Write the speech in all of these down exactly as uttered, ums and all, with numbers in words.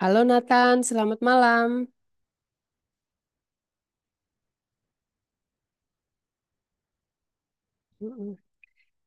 Halo Nathan, selamat malam. Mm-mm.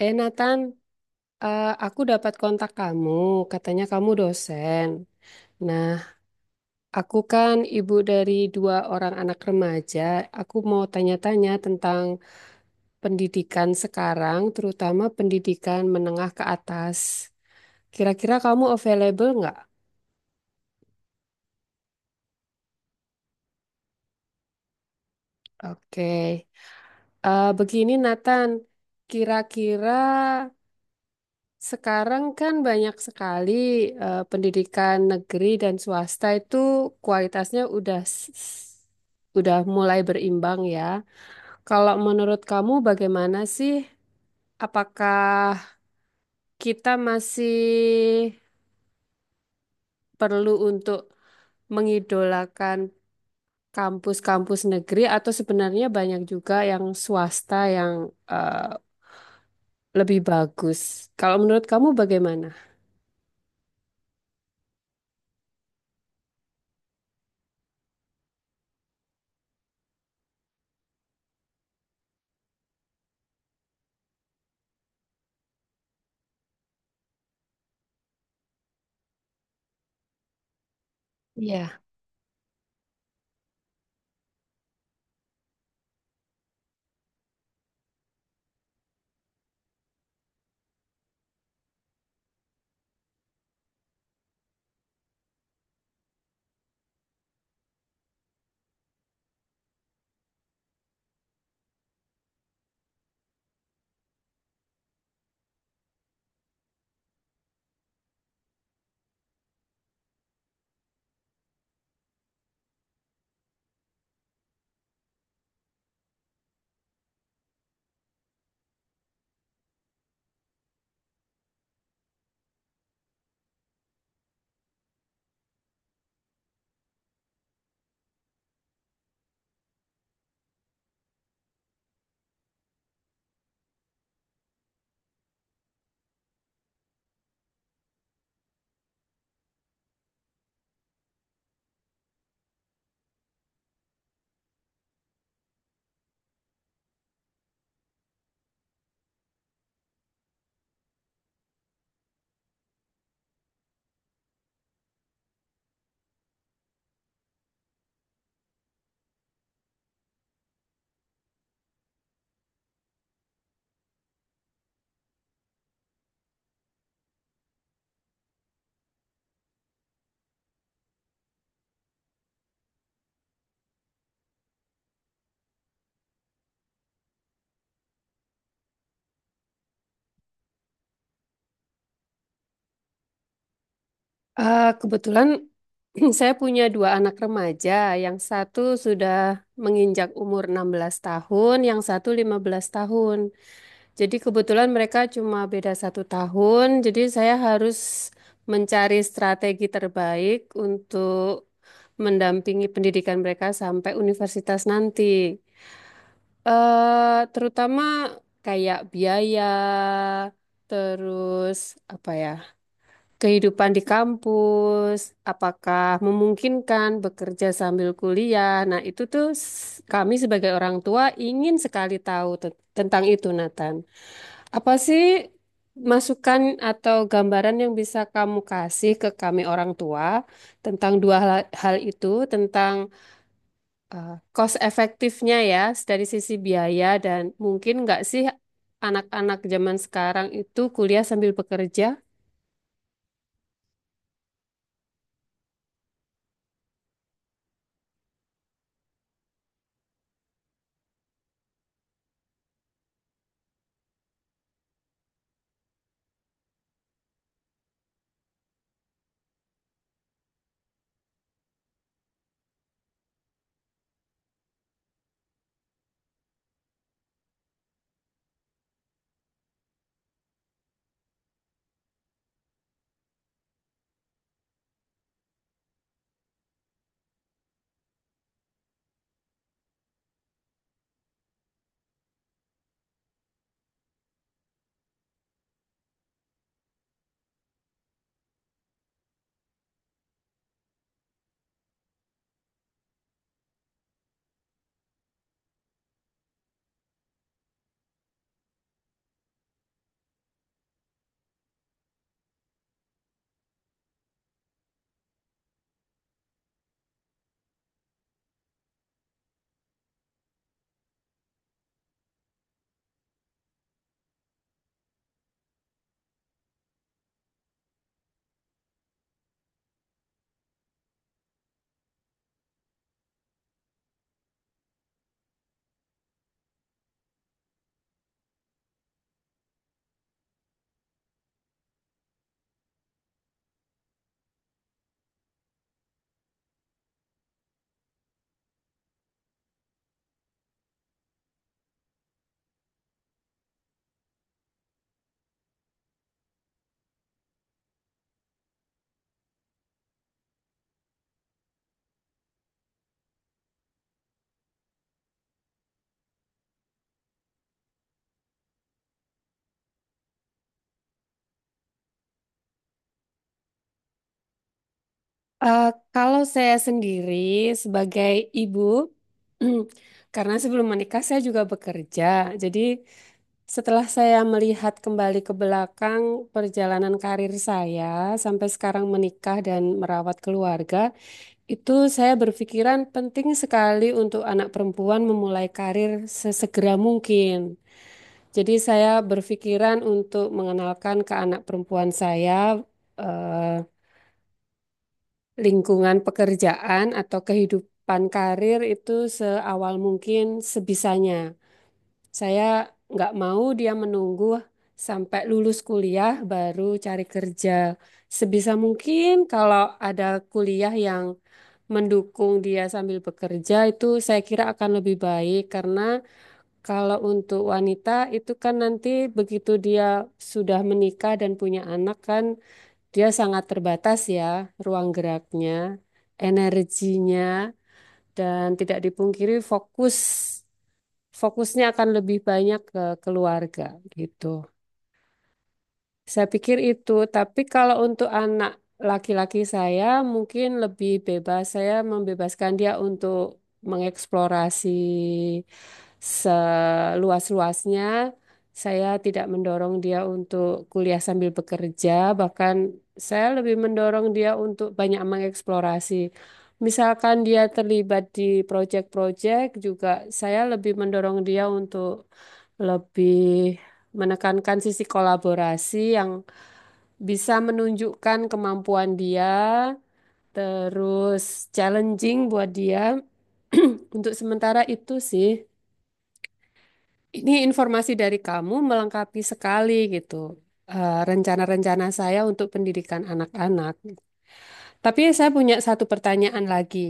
Eh Nathan, eh, aku dapat kontak kamu, katanya kamu dosen. Nah, aku kan ibu dari dua orang anak remaja. Aku mau tanya-tanya tentang pendidikan sekarang, terutama pendidikan menengah ke atas. Kira-kira kamu available nggak? Oke. Eh, begini Nathan, kira-kira sekarang kan banyak sekali eh, pendidikan negeri dan swasta itu kualitasnya udah s- s- udah mulai berimbang ya. Kalau menurut kamu bagaimana sih? Apakah kita masih perlu untuk mengidolakan kampus-kampus negeri atau sebenarnya banyak juga yang swasta yang eh, lebih bagus? Kalau menurut kamu bagaimana? Iya. Eh, kebetulan saya punya dua anak remaja, yang satu sudah menginjak umur enam belas tahun, yang satu lima belas tahun. Jadi kebetulan mereka cuma beda satu tahun, jadi saya harus mencari strategi terbaik untuk mendampingi pendidikan mereka sampai universitas nanti. Eh terutama kayak biaya, terus apa ya? Kehidupan di kampus, apakah memungkinkan bekerja sambil kuliah. Nah, itu tuh s- kami sebagai orang tua ingin sekali tahu te- tentang itu, Nathan. Apa sih masukan atau gambaran yang bisa kamu kasih ke kami orang tua tentang dua hal, hal itu, tentang eh, cost efektifnya ya dari sisi biaya dan mungkin nggak sih anak-anak zaman sekarang itu kuliah sambil bekerja? Eh, Kalau saya sendiri sebagai ibu, karena sebelum menikah saya juga bekerja. Jadi setelah saya melihat kembali ke belakang perjalanan karir saya sampai sekarang menikah dan merawat keluarga, itu saya berpikiran penting sekali untuk anak perempuan memulai karir sesegera mungkin. Jadi saya berpikiran untuk mengenalkan ke anak perempuan saya eh, lingkungan pekerjaan atau kehidupan karir itu seawal mungkin sebisanya. Saya nggak mau dia menunggu sampai lulus kuliah baru cari kerja. Sebisa mungkin kalau ada kuliah yang mendukung dia sambil bekerja itu saya kira akan lebih baik karena kalau untuk wanita itu kan nanti begitu dia sudah menikah dan punya anak kan dia sangat terbatas ya ruang geraknya, energinya, dan tidak dipungkiri fokus fokusnya akan lebih banyak ke keluarga gitu. Saya pikir itu, tapi kalau untuk anak laki-laki saya mungkin lebih bebas. Saya membebaskan dia untuk mengeksplorasi seluas-luasnya. Saya tidak mendorong dia untuk kuliah sambil bekerja, bahkan saya lebih mendorong dia untuk banyak mengeksplorasi. Misalkan dia terlibat di proyek-proyek juga, saya lebih mendorong dia untuk lebih menekankan sisi kolaborasi yang bisa menunjukkan kemampuan dia, terus challenging buat dia. Untuk sementara itu sih, ini informasi dari kamu melengkapi sekali gitu. Eh, rencana-rencana saya untuk pendidikan anak-anak. Tapi saya punya satu pertanyaan lagi.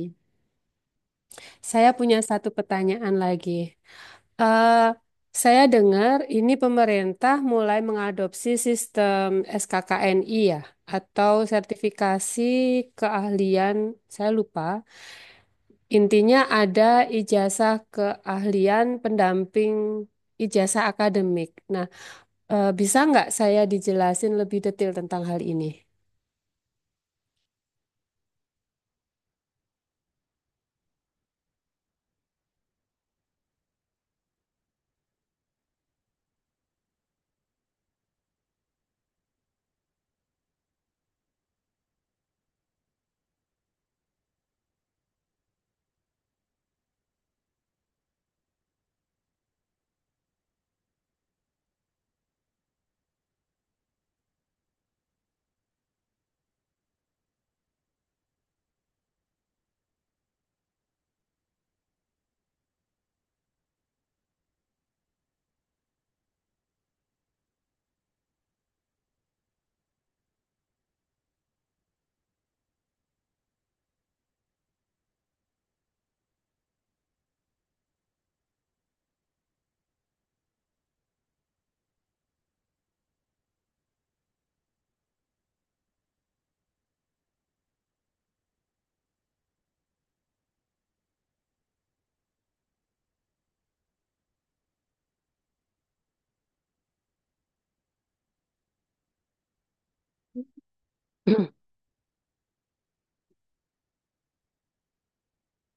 Saya punya satu pertanyaan lagi. Eh, saya dengar ini pemerintah mulai mengadopsi sistem S K K N I ya, atau sertifikasi keahlian, saya lupa. Intinya ada ijazah keahlian pendamping ijazah akademik. Nah, eh, bisa nggak saya dijelasin lebih detail tentang hal ini?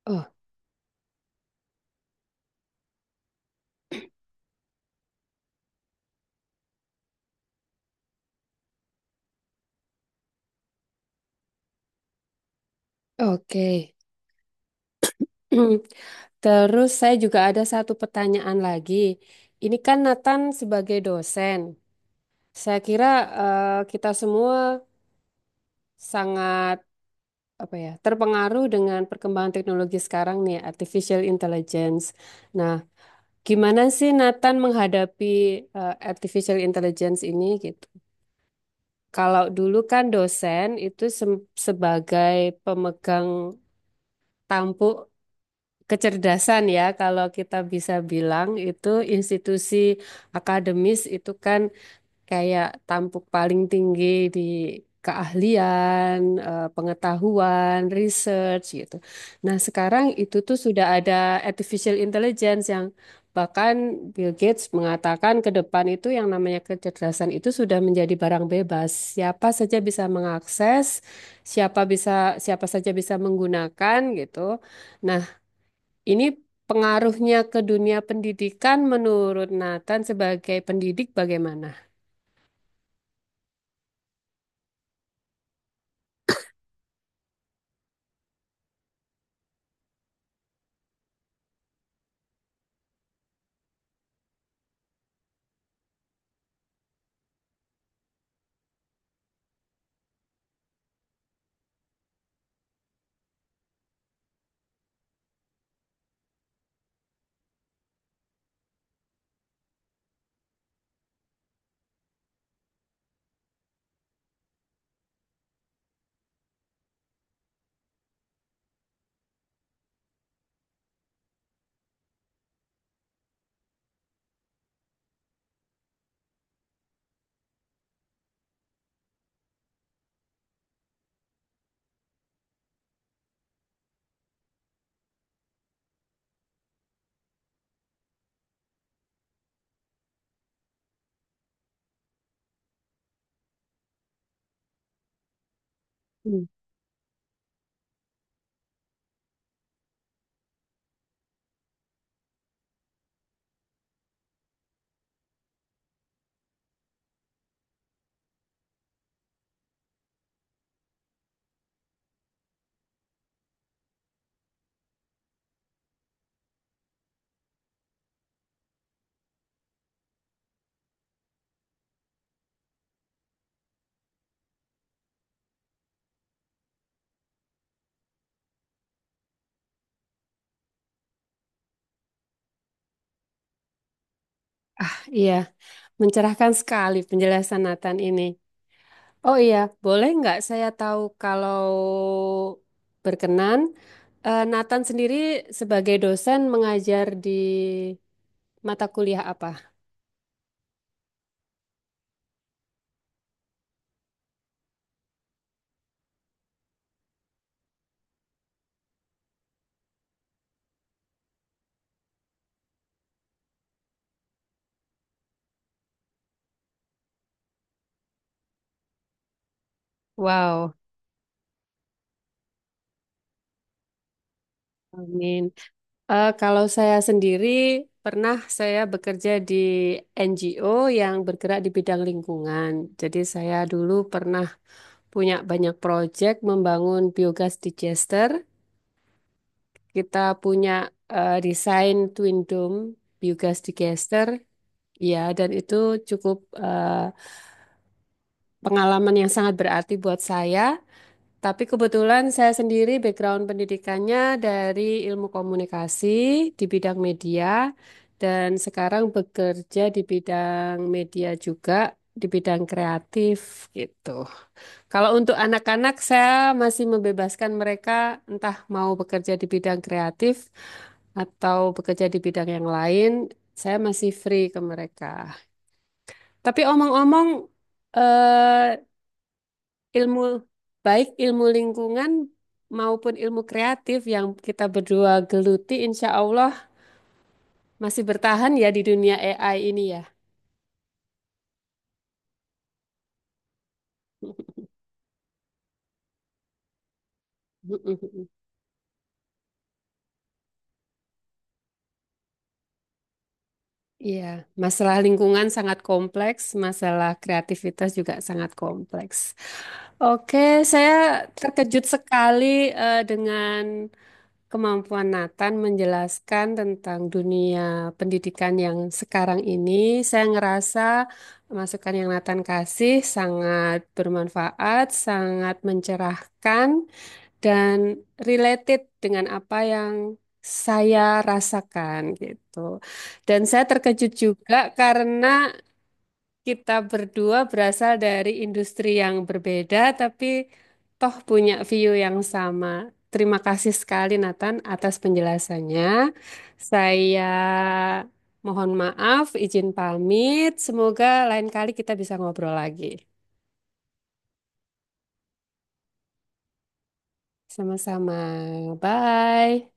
Oh, oke. Terus saya juga ada satu pertanyaan lagi. Ini kan Nathan sebagai dosen. Saya kira eh, kita semua sangat apa ya terpengaruh dengan perkembangan teknologi sekarang nih, artificial intelligence. Nah, gimana sih Nathan menghadapi eh, artificial intelligence ini gitu? Kalau dulu kan dosen itu sem- sebagai pemegang tampuk kecerdasan ya, kalau kita bisa bilang itu institusi akademis itu kan kayak tampuk paling tinggi di keahlian, eh, pengetahuan, research gitu. Nah, sekarang itu tuh sudah ada artificial intelligence yang bahkan Bill Gates mengatakan ke depan itu yang namanya kecerdasan itu sudah menjadi barang bebas. Siapa saja bisa mengakses, siapa bisa siapa saja bisa menggunakan gitu. Nah, ini pengaruhnya ke dunia pendidikan menurut Nathan sebagai pendidik bagaimana? Hmm. Iya, mencerahkan sekali penjelasan Nathan ini. Oh iya, boleh nggak saya tahu kalau berkenan, eh, Nathan sendiri sebagai dosen mengajar di mata kuliah apa? Wow, amin. Eh, kalau saya sendiri pernah saya bekerja di N G O yang bergerak di bidang lingkungan. Jadi saya dulu pernah punya banyak proyek membangun biogas digester. Kita punya eh, desain Twin Dome biogas digester, ya, dan itu cukup eh, pengalaman yang sangat berarti buat saya. Tapi kebetulan saya sendiri background pendidikannya dari ilmu komunikasi di bidang media, dan sekarang bekerja di bidang media juga, di bidang kreatif gitu. Kalau untuk anak-anak, saya masih membebaskan mereka entah mau bekerja di bidang kreatif atau bekerja di bidang yang lain. Saya masih free ke mereka. Tapi omong-omong, eh, ilmu baik ilmu lingkungan maupun ilmu kreatif yang kita berdua geluti, insya Allah masih bertahan ya di dunia A I ini ya. Iya, masalah lingkungan sangat kompleks, masalah kreativitas juga sangat kompleks. Oke, saya terkejut sekali eh, dengan kemampuan Nathan menjelaskan tentang dunia pendidikan yang sekarang ini. Saya ngerasa masukan yang Nathan kasih sangat bermanfaat, sangat mencerahkan dan related dengan apa yang saya rasakan gitu. Dan saya terkejut juga karena kita berdua berasal dari industri yang berbeda, tapi toh punya view yang sama. Terima kasih sekali Nathan atas penjelasannya. Saya mohon maaf, izin pamit. Semoga lain kali kita bisa ngobrol lagi. Sama-sama. Bye.